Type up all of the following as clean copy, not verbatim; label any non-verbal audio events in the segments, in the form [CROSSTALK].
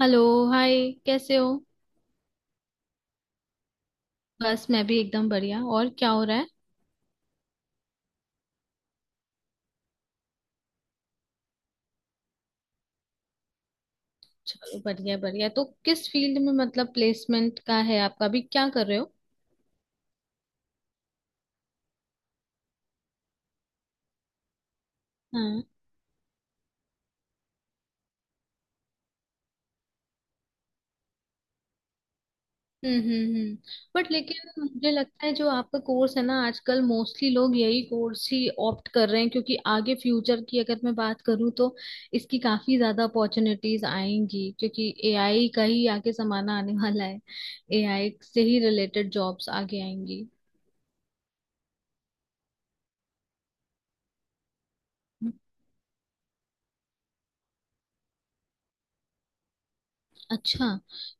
Hello. Hi. कैसे हो? बस मैं भी एकदम बढ़िया। और क्या हो रहा है? चलो, बढ़िया बढ़िया। तो किस फील्ड में, मतलब प्लेसमेंट का है आपका? अभी क्या कर रहे हो? हाँ। हम्म। बट लेकिन मुझे लगता है जो आपका कोर्स है ना, आजकल मोस्टली लोग यही कोर्स ही ऑप्ट कर रहे हैं, क्योंकि आगे फ्यूचर की अगर मैं बात करूँ तो इसकी काफी ज्यादा अपॉर्चुनिटीज आएंगी, क्योंकि एआई का ही आगे जमाना आने वाला है। एआई से ही रिलेटेड जॉब्स आगे आएंगी। अच्छा,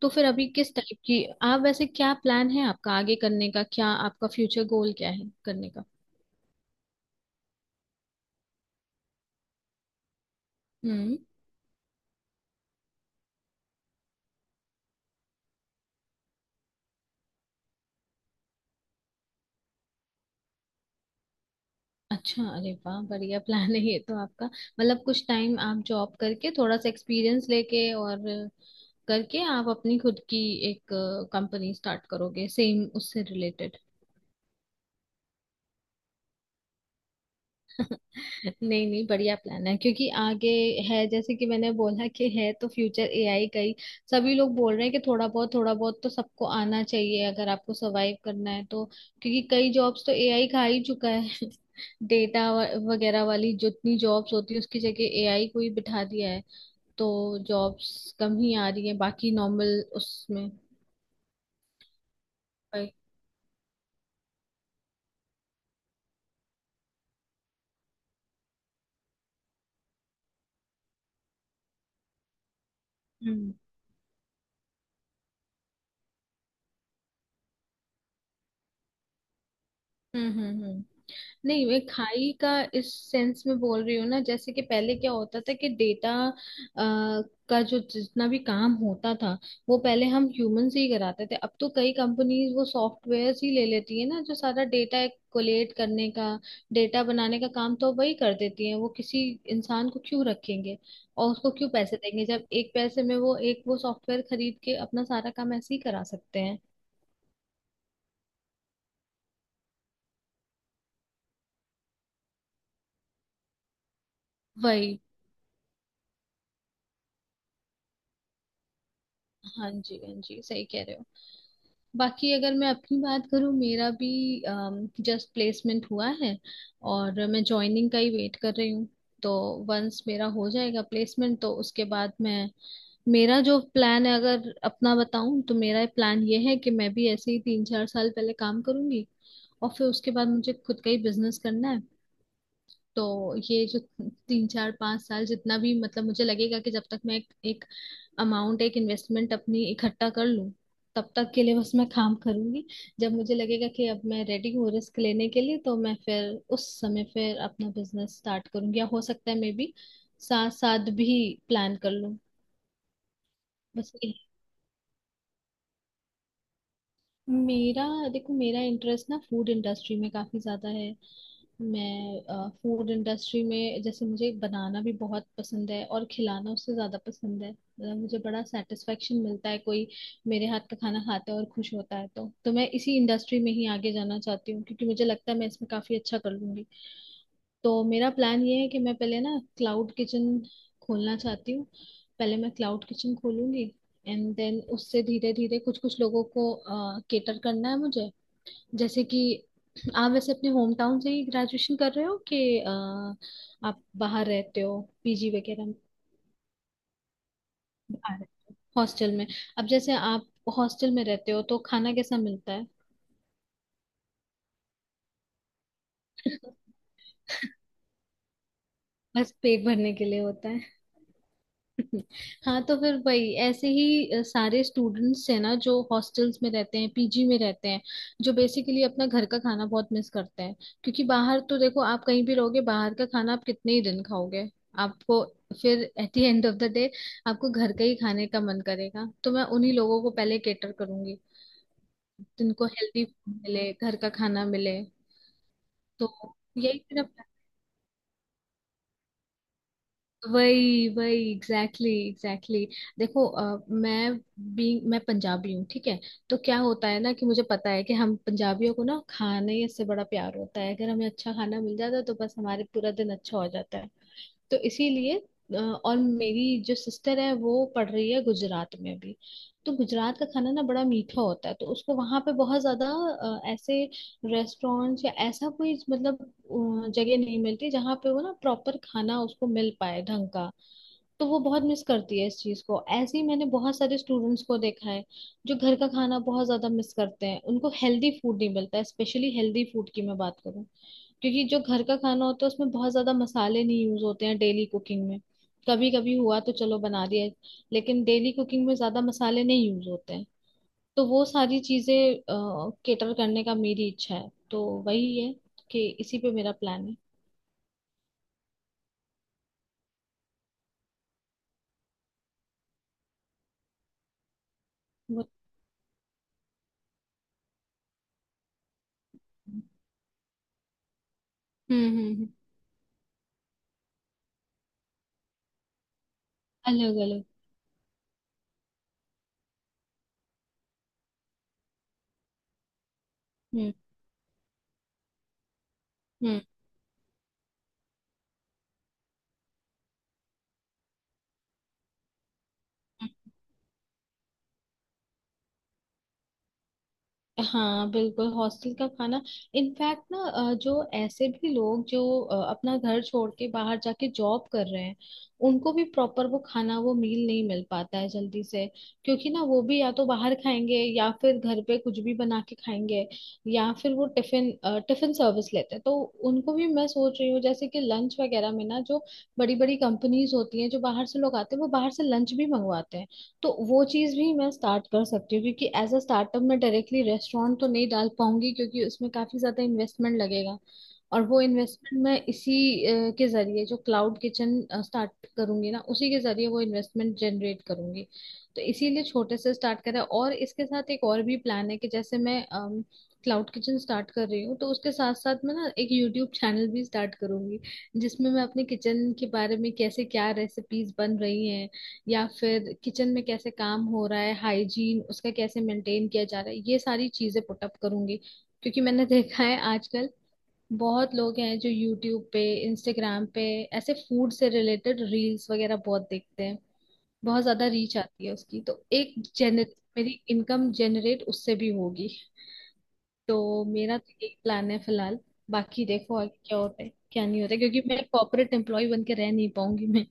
तो फिर अभी किस टाइप की आप, वैसे क्या प्लान है आपका आगे करने का? क्या आपका फ्यूचर गोल क्या है करने का? हम्म। अच्छा, अरे वाह, बढ़िया प्लान है ये तो आपका। मतलब कुछ टाइम आप जॉब करके, थोड़ा सा एक्सपीरियंस लेके, और करके आप अपनी खुद की एक कंपनी स्टार्ट करोगे सेम उससे रिलेटेड। नहीं नहीं, बढ़िया प्लान है, क्योंकि आगे है, जैसे कि मैंने बोला, कि है तो फ्यूचर एआई का ही। सभी लोग बोल रहे हैं कि थोड़ा बहुत तो सबको आना चाहिए, अगर आपको सरवाइव करना है तो, क्योंकि कई जॉब्स तो एआई खा ही चुका है [LAUGHS] डेटा वगैरह वाली जितनी जॉब्स होती है उसकी जगह एआई को ही बिठा दिया है। तो जॉब्स कम ही आ रही है, बाकी नॉर्मल उसमें। हम्म हम्म। हम्म। नहीं, मैं खाई का इस सेंस में बोल रही हूँ ना, जैसे कि पहले क्या होता था कि डेटा का जो जितना भी काम होता था वो पहले हम ह्यूमन से ही कराते थे। अब तो कई कंपनीज वो सॉफ्टवेयर ही ले लेती है ना, जो सारा डेटा कोलेट करने का, डेटा बनाने का काम तो वही कर देती है। वो किसी इंसान को क्यों रखेंगे और उसको क्यों पैसे देंगे जब एक पैसे में वो एक, वो सॉफ्टवेयर खरीद के अपना सारा काम ऐसे ही करा सकते हैं। वही। हाँ जी हाँ जी, सही कह रहे हो। बाकी अगर मैं अपनी बात करूँ, मेरा भी जस्ट प्लेसमेंट हुआ है और मैं जॉइनिंग का ही वेट कर रही हूँ। तो वंस मेरा हो जाएगा प्लेसमेंट तो उसके बाद मैं, मेरा जो प्लान है, अगर अपना बताऊं तो, मेरा प्लान ये है कि मैं भी ऐसे ही तीन चार साल पहले काम करूंगी और फिर उसके बाद मुझे खुद का ही बिजनेस करना है। तो ये जो तीन चार पांच साल, जितना भी मतलब मुझे लगेगा कि जब तक मैं एक अमाउंट, एक इन्वेस्टमेंट अपनी इकट्ठा कर लूं, तब तक के लिए बस मैं काम करूंगी। जब मुझे लगेगा कि अब मैं रेडी हूँ रिस्क लेने के लिए, तो मैं फिर उस समय फिर अपना बिजनेस स्टार्ट करूंगी, या हो सकता है मे बी साथ साथ भी प्लान कर लूं। बस। मेरा, देखो मेरा इंटरेस्ट ना फूड इंडस्ट्री में काफी ज्यादा है। मैं फूड इंडस्ट्री में जैसे, मुझे बनाना भी बहुत पसंद है और खिलाना उससे ज्यादा पसंद है। मतलब मुझे बड़ा सेटिस्फेक्शन मिलता है कोई मेरे हाथ का खाना खाता है और खुश होता है। तो मैं इसी इंडस्ट्री में ही आगे जाना चाहती हूँ, क्योंकि मुझे लगता है मैं इसमें काफी अच्छा कर लूंगी। तो मेरा प्लान ये है कि मैं पहले ना क्लाउड किचन खोलना चाहती हूँ। पहले मैं क्लाउड किचन खोलूंगी, एंड देन उससे धीरे धीरे कुछ कुछ लोगों को केटर करना है मुझे। जैसे कि, आप वैसे अपने होम टाउन से ही ग्रेजुएशन कर रहे हो कि आप बाहर रहते हो पीजी वगैरह में? बाहर रहते हो हॉस्टल में। अब जैसे आप हॉस्टल में रहते हो तो खाना कैसा मिलता है? बस पेट भरने के लिए होता? हाँ, तो फिर वही ऐसे ही सारे स्टूडेंट्स है ना, जो हॉस्टल्स में रहते हैं, पीजी में रहते हैं, जो बेसिकली अपना घर का खाना बहुत मिस करते हैं। क्योंकि बाहर तो देखो आप कहीं भी रहोगे, बाहर का खाना आप कितने ही दिन खाओगे, आपको फिर at the end of the day आपको घर का ही खाने का मन करेगा। तो मैं उन्हीं लोगों को पहले केटर करूंगी, जिनको हेल्दी फूड मिले, घर का खाना मिले। तो यही मेरा, वही वही एग्जैक्टली exactly, एग्जैक्टली exactly. देखो मैं पंजाबी हूँ, ठीक है? तो क्या होता है ना कि मुझे पता है कि हम पंजाबियों को ना खाने से बड़ा प्यार होता है। अगर हमें अच्छा खाना मिल जाता है तो बस हमारे पूरा दिन अच्छा हो जाता है। तो इसीलिए और मेरी जो सिस्टर है वो पढ़ रही है गुजरात में भी। तो गुजरात का खाना ना बड़ा मीठा होता है, तो उसको वहां पे बहुत ज्यादा ऐसे रेस्टोरेंट्स या ऐसा कोई मतलब जगह नहीं मिलती जहाँ पे वो ना प्रॉपर खाना उसको मिल पाए ढंग का। तो वो बहुत मिस करती है इस चीज को। ऐसे ही मैंने बहुत सारे स्टूडेंट्स को देखा है जो घर का खाना बहुत ज्यादा मिस करते हैं, उनको हेल्दी फूड नहीं मिलता। स्पेशली हेल्दी फूड की मैं बात करूँ, क्योंकि जो घर का खाना होता है उसमें बहुत ज्यादा मसाले नहीं यूज होते हैं डेली कुकिंग में। कभी कभी हुआ तो चलो बना दिया, लेकिन डेली कुकिंग में ज्यादा मसाले नहीं यूज होते हैं। तो वो सारी चीजें केटर करने का मेरी इच्छा है, तो वही है कि इसी पे मेरा प्लान है। वो। हम्म हम्म हम्म। अलग अलग। हम्म। हम्म। हाँ, बिल्कुल। हॉस्टल का खाना। इनफैक्ट ना जो ऐसे भी लोग जो अपना घर छोड़ के बाहर जाके जॉब कर रहे हैं, उनको भी प्रॉपर वो खाना, वो मील नहीं मिल पाता है जल्दी से, क्योंकि ना वो भी या तो बाहर खाएंगे या फिर घर पे कुछ भी बना के खाएंगे, या फिर वो टिफिन टिफिन सर्विस लेते हैं। तो उनको भी मैं सोच रही हूँ जैसे कि लंच वगैरह में ना, जो बड़ी बड़ी कंपनीज होती हैं, जो बाहर से लोग आते हैं, वो बाहर से लंच भी मंगवाते हैं। तो वो चीज भी मैं स्टार्ट कर सकती हूँ, क्योंकि एज अ स्टार्टअप मैं डायरेक्टली रेस्टोरेंट तो नहीं डाल पाऊंगी, क्योंकि उसमें काफी ज्यादा इन्वेस्टमेंट लगेगा। और वो इन्वेस्टमेंट मैं इसी के जरिए, जो क्लाउड किचन स्टार्ट करूंगी ना, उसी के जरिए वो इन्वेस्टमेंट जनरेट करूंगी। तो इसीलिए छोटे से स्टार्ट करा। और इसके साथ एक और भी प्लान है कि जैसे मैं क्लाउड किचन स्टार्ट कर रही हूँ, तो उसके साथ साथ मैं ना एक यूट्यूब चैनल भी स्टार्ट करूंगी, जिसमें मैं अपने किचन के बारे में, कैसे क्या रेसिपीज बन रही हैं या फिर किचन में कैसे काम हो रहा है, हाइजीन उसका कैसे मेंटेन किया जा रहा है, ये सारी चीजें पुटअप करूंगी। क्योंकि मैंने [LAUGHS] देखा है आजकल बहुत लोग हैं जो यूट्यूब पे, इंस्टाग्राम पे ऐसे फूड से रिलेटेड रील्स वगैरह बहुत देखते हैं। बहुत ज्यादा रीच आती है उसकी, तो एक जेनर, मेरी इनकम जनरेट उससे भी होगी। तो मेरा तो यही प्लान है फिलहाल। बाकी देखो आगे क्या होता है क्या नहीं होता है, क्योंकि मैं कॉर्पोरेट एम्प्लॉय बन के रह नहीं पाऊंगी मैं।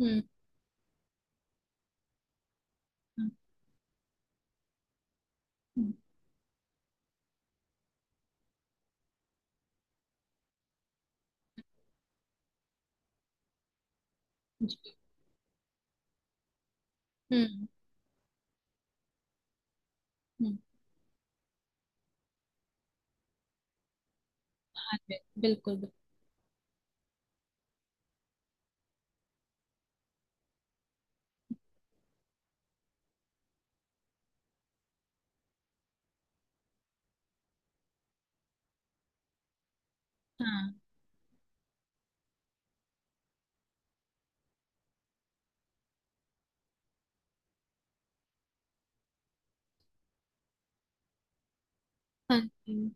हम्म हम्म हम्म। जी, हम्म हम्म। हाँ जी, बिल्कुल बिल्कुल। हाँ। हाँ जी।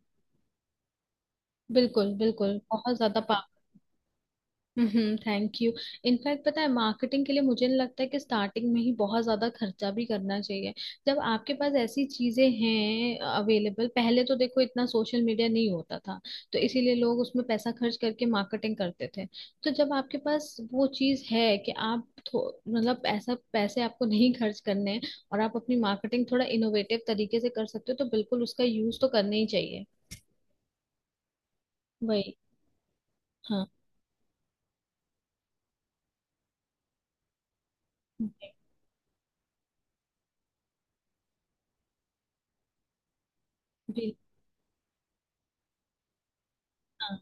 बिल्कुल बिल्कुल, बहुत ज्यादा पावर। हम्म, थैंक यू। इनफैक्ट पता है मार्केटिंग के लिए मुझे नहीं लगता है कि स्टार्टिंग में ही बहुत ज्यादा खर्चा भी करना चाहिए। जब आपके पास ऐसी चीजें हैं अवेलेबल, पहले तो देखो इतना सोशल मीडिया नहीं होता था, तो इसीलिए लोग उसमें पैसा खर्च करके मार्केटिंग करते थे। तो जब आपके पास वो चीज है कि आप मतलब ऐसा पैसे आपको नहीं खर्च करने हैं, और आप अपनी मार्केटिंग थोड़ा इनोवेटिव तरीके से कर सकते हो, तो बिल्कुल उसका यूज तो करना ही चाहिए। वही। हाँ। बिल, हाँ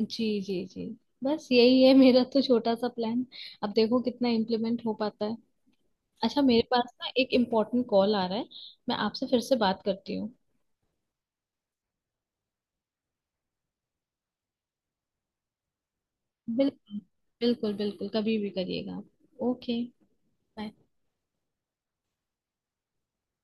जी। जी जी। बस यही है मेरा तो छोटा सा प्लान। अब देखो कितना इम्प्लीमेंट हो पाता है। अच्छा, मेरे पास ना एक इम्पोर्टेंट कॉल आ रहा है, मैं आपसे फिर से बात करती हूँ। बिल्कुल। बिल्कुल बिल्कुल, कभी भी करिएगा आप। ओके। बाय।